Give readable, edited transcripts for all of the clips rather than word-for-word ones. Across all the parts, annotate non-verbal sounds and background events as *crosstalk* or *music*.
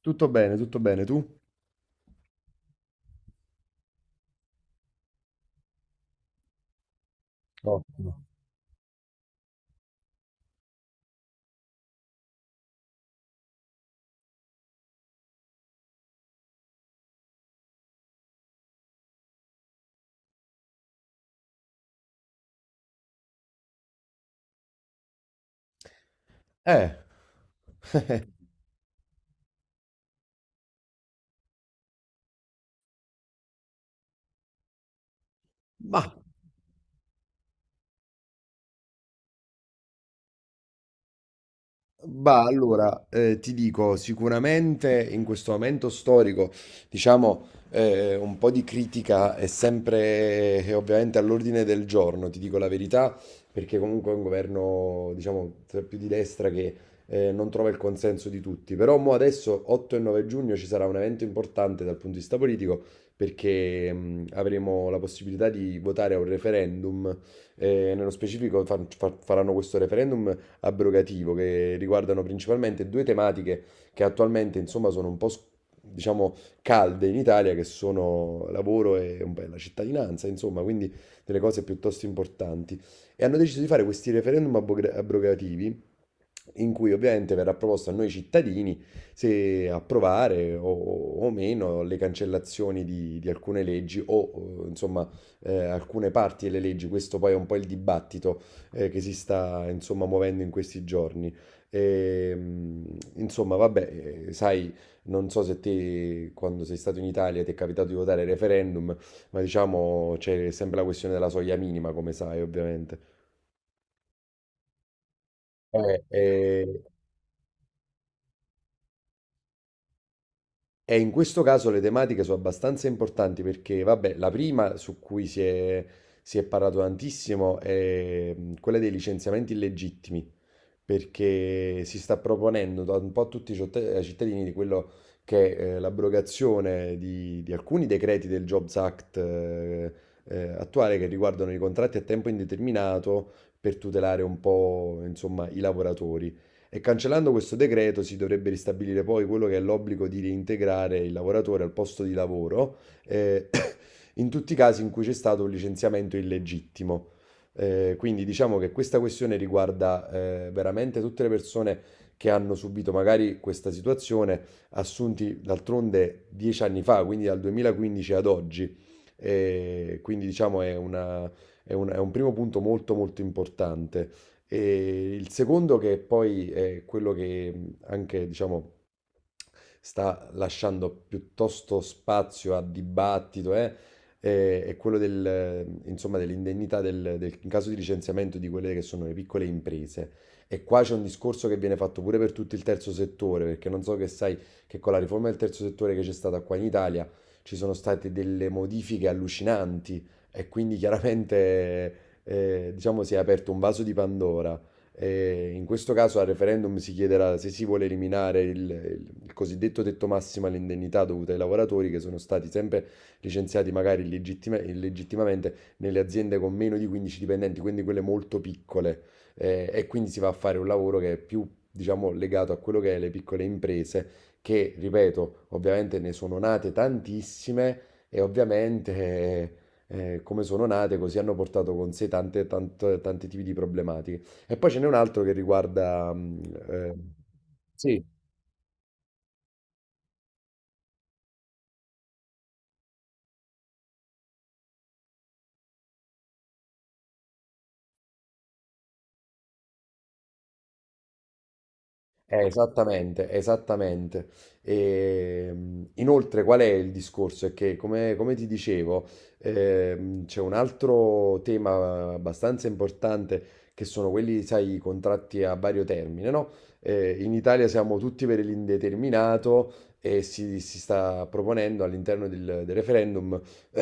Tutto bene, tu? Ottimo. Eh, *laughs* ma Bah, allora, ti dico, sicuramente in questo momento storico, diciamo, un po' di critica è sempre ovviamente all'ordine del giorno, ti dico la verità, perché comunque è un governo, diciamo, più di destra che non trova il consenso di tutti. Però mo adesso, 8 e 9 giugno, ci sarà un evento importante dal punto di vista politico, perché avremo la possibilità di votare a un referendum. Nello specifico faranno questo referendum abrogativo che riguardano principalmente due tematiche che attualmente insomma sono un po' diciamo calde in Italia che sono lavoro e un po' la cittadinanza, insomma, quindi delle cose piuttosto importanti e hanno deciso di fare questi referendum abrogativi in cui ovviamente verrà proposto a noi cittadini se approvare o meno le cancellazioni di alcune leggi o insomma alcune parti delle leggi. Questo poi è un po' il dibattito che si sta insomma muovendo in questi giorni. E, insomma, vabbè, sai, non so se te quando sei stato in Italia ti è capitato di votare il referendum, ma diciamo c'è sempre la questione della soglia minima, come sai, ovviamente. Eh. E in questo caso le tematiche sono abbastanza importanti perché, vabbè, la prima su cui si è parlato tantissimo è quella dei licenziamenti illegittimi, perché si sta proponendo da un po' a tutti i ai cittadini di quello che è l'abrogazione di alcuni decreti del Jobs Act attuale che riguardano i contratti a tempo indeterminato per tutelare un po', insomma, i lavoratori. E cancellando questo decreto si dovrebbe ristabilire poi quello che è l'obbligo di reintegrare il lavoratore al posto di lavoro eh, *coughs* in tutti i casi in cui c'è stato un licenziamento illegittimo. Quindi diciamo che questa questione riguarda veramente tutte le persone che hanno subito magari questa situazione, assunti d'altronde 10 anni fa, quindi dal 2015 ad oggi. Quindi diciamo è un primo punto molto molto importante. E il secondo, che poi è quello che anche, diciamo, sta lasciando piuttosto spazio a dibattito, è quello del, insomma, dell'indennità in caso di licenziamento di quelle che sono le piccole imprese. E qua c'è un discorso che viene fatto pure per tutto il terzo settore, perché non so che sai che con la riforma del terzo settore che c'è stata qua in Italia ci sono state delle modifiche allucinanti e quindi chiaramente, diciamo, si è aperto un vaso di Pandora. E in questo caso al referendum si chiederà se si vuole eliminare il cosiddetto tetto massimo all'indennità dovuta ai lavoratori che sono stati sempre licenziati magari illegittimamente nelle aziende con meno di 15 dipendenti, quindi quelle molto piccole. E quindi si va a fare un lavoro che è più, diciamo, legato a quello che è le piccole imprese, che, ripeto, ovviamente ne sono nate tantissime e ovviamente... come sono nate, così hanno portato con sé tanti tipi di problematiche. E poi ce n'è un altro che riguarda... eh, sì, esattamente, esattamente. E, inoltre, qual è il discorso? È che, come ti dicevo, c'è un altro tema abbastanza importante che sono quelli, sai, i contratti a vario termine, no? In Italia siamo tutti per l'indeterminato e si sta proponendo all'interno del referendum *clears throat*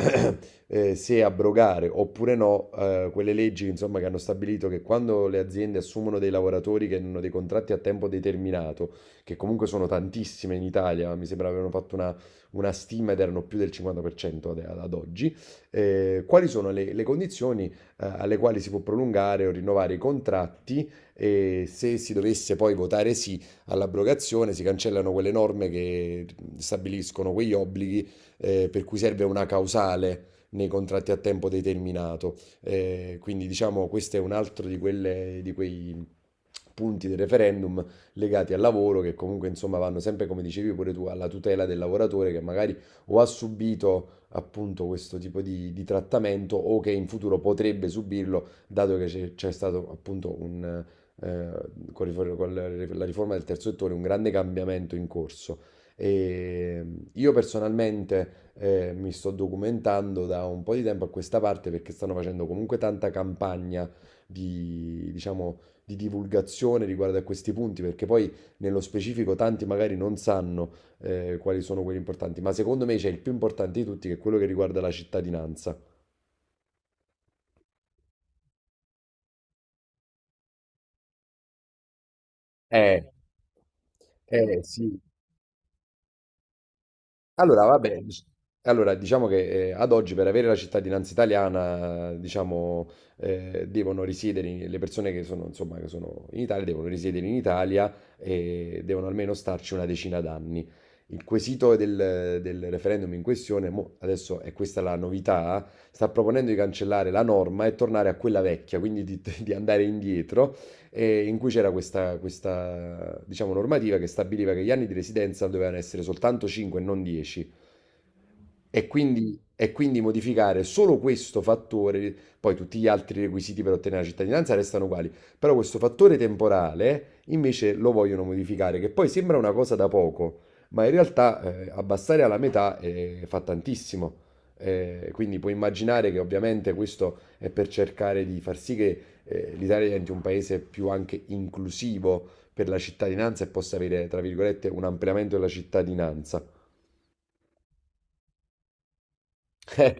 se abrogare oppure no quelle leggi, insomma, che hanno stabilito che quando le aziende assumono dei lavoratori che hanno dei contratti a tempo determinato, che comunque sono tantissime in Italia, mi sembra avevano fatto una stima ed erano più del 50% ad oggi, quali sono le condizioni alle quali si può prolungare o rinnovare i contratti e se si dovesse poi votare sì all'abrogazione, si cancellano quelle norme che stabiliscono quegli obblighi per cui serve una causale nei contratti a tempo determinato. Quindi diciamo questo è un altro di, di quei punti del referendum legati al lavoro che comunque insomma vanno sempre come dicevi pure tu alla tutela del lavoratore che magari o ha subito appunto questo tipo di trattamento o che in futuro potrebbe subirlo dato che c'è stato appunto eh, con la riforma del terzo settore un grande cambiamento in corso e io personalmente mi sto documentando da un po' di tempo a questa parte perché stanno facendo comunque tanta campagna di, diciamo, di divulgazione riguardo a questi punti, perché poi nello specifico tanti magari non sanno quali sono quelli importanti, ma secondo me c'è il più importante di tutti che è quello che riguarda la cittadinanza. Eh, Eh sì. Allora, vabbè, allora, diciamo che ad oggi per avere la cittadinanza italiana, diciamo, devono risiedere, le persone che sono, insomma, che sono in Italia devono risiedere in Italia e devono almeno starci una decina d'anni. Il quesito del referendum in questione, mo, adesso è questa la novità, sta proponendo di cancellare la norma e tornare a quella vecchia, quindi di, *laughs* di andare indietro in cui c'era questa, diciamo, normativa che stabiliva che gli anni di residenza dovevano essere soltanto 5 e non 10. E quindi modificare solo questo fattore, poi tutti gli altri requisiti per ottenere la cittadinanza restano uguali, però questo fattore temporale invece lo vogliono modificare, che poi sembra una cosa da poco, ma in realtà abbassare alla metà fa tantissimo. Quindi puoi immaginare che ovviamente questo è per cercare di far sì che l'Italia diventi un paese più anche inclusivo per la cittadinanza e possa avere, tra virgolette, un ampliamento della cittadinanza. *laughs* Eh.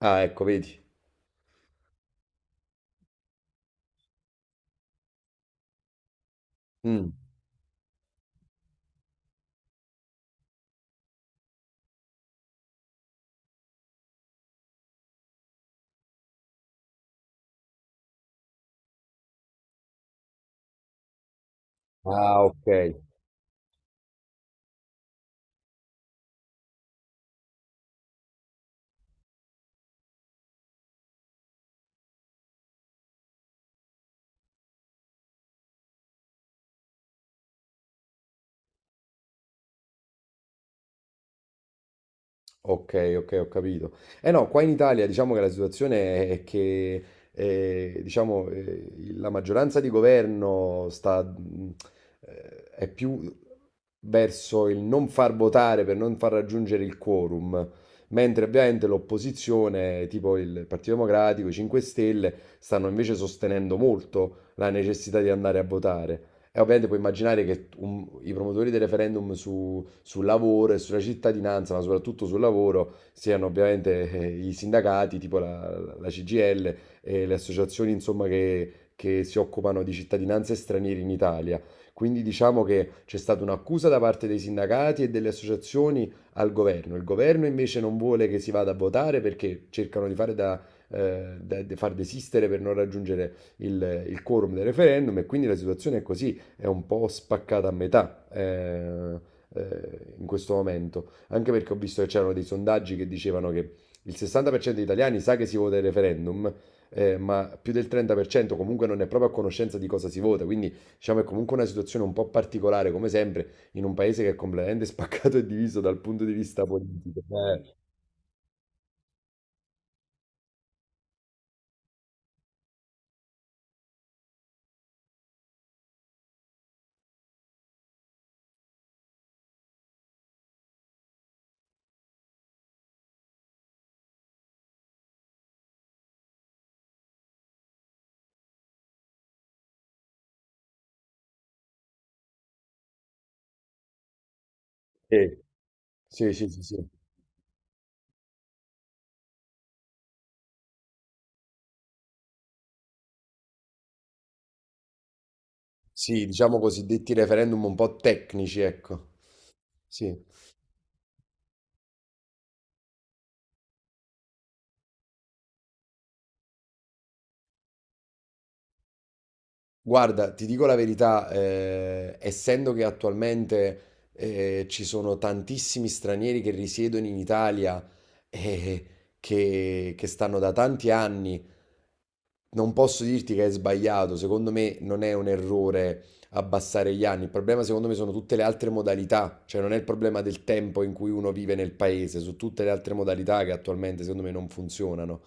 Ah, ecco, vedi. Mm. Ah, ok. Ok, ok, ho capito. Eh no, qua in Italia diciamo che la situazione è che diciamo, la maggioranza di governo è più verso il non far votare per non far raggiungere il quorum, mentre ovviamente l'opposizione, tipo il Partito Democratico, i 5 Stelle, stanno invece sostenendo molto la necessità di andare a votare. E ovviamente puoi immaginare che i promotori del referendum sul lavoro e sulla cittadinanza, ma soprattutto sul lavoro, siano ovviamente i sindacati, tipo la CGL e le associazioni, insomma, che si occupano di cittadinanze stranieri in Italia. Quindi diciamo che c'è stata un'accusa da parte dei sindacati e delle associazioni al governo. Il governo invece non vuole che si vada a votare perché cercano di fare di far desistere per non raggiungere il quorum del referendum e quindi la situazione è così è un po' spaccata a metà in questo momento, anche perché ho visto che c'erano dei sondaggi che dicevano che il 60% degli italiani sa che si vota il referendum, ma più del 30% comunque non è proprio a conoscenza di cosa si vota, quindi diciamo è comunque una situazione un po' particolare, come sempre, in un paese che è completamente *laughs* spaccato e diviso dal punto di vista politico. Eh, eh, sì, sì, sì, sì. Sì, diciamo cosiddetti referendum un po' tecnici, ecco. Sì. Guarda, ti dico la verità, essendo che attualmente ci sono tantissimi stranieri che risiedono in Italia e che stanno da tanti anni non posso dirti che è sbagliato, secondo me non è un errore abbassare gli anni, il problema secondo me sono tutte le altre modalità, cioè non è il problema del tempo in cui uno vive nel paese, su tutte le altre modalità che attualmente secondo me non funzionano.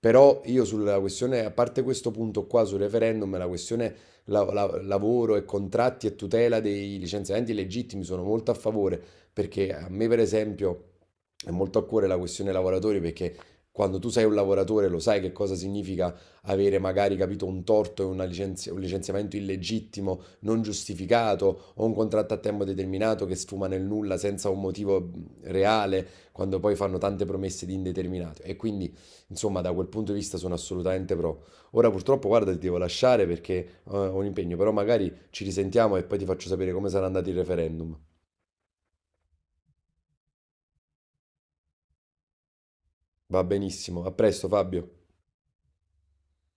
Però io sulla questione, a parte questo punto qua sul referendum, la questione lavoro e contratti e tutela dei licenziamenti legittimi sono molto a favore, perché a me per esempio è molto a cuore la questione lavoratori, perché quando tu sei un lavoratore lo sai che cosa significa avere magari capito un torto e un licenziamento illegittimo, non giustificato, o un contratto a tempo determinato che sfuma nel nulla senza un motivo reale, quando poi fanno tante promesse di indeterminato. E quindi, insomma, da quel punto di vista sono assolutamente pro. Ora purtroppo, guarda, ti devo lasciare perché ho un impegno, però magari ci risentiamo e poi ti faccio sapere come sarà andato il referendum. Va benissimo, a presto Fabio.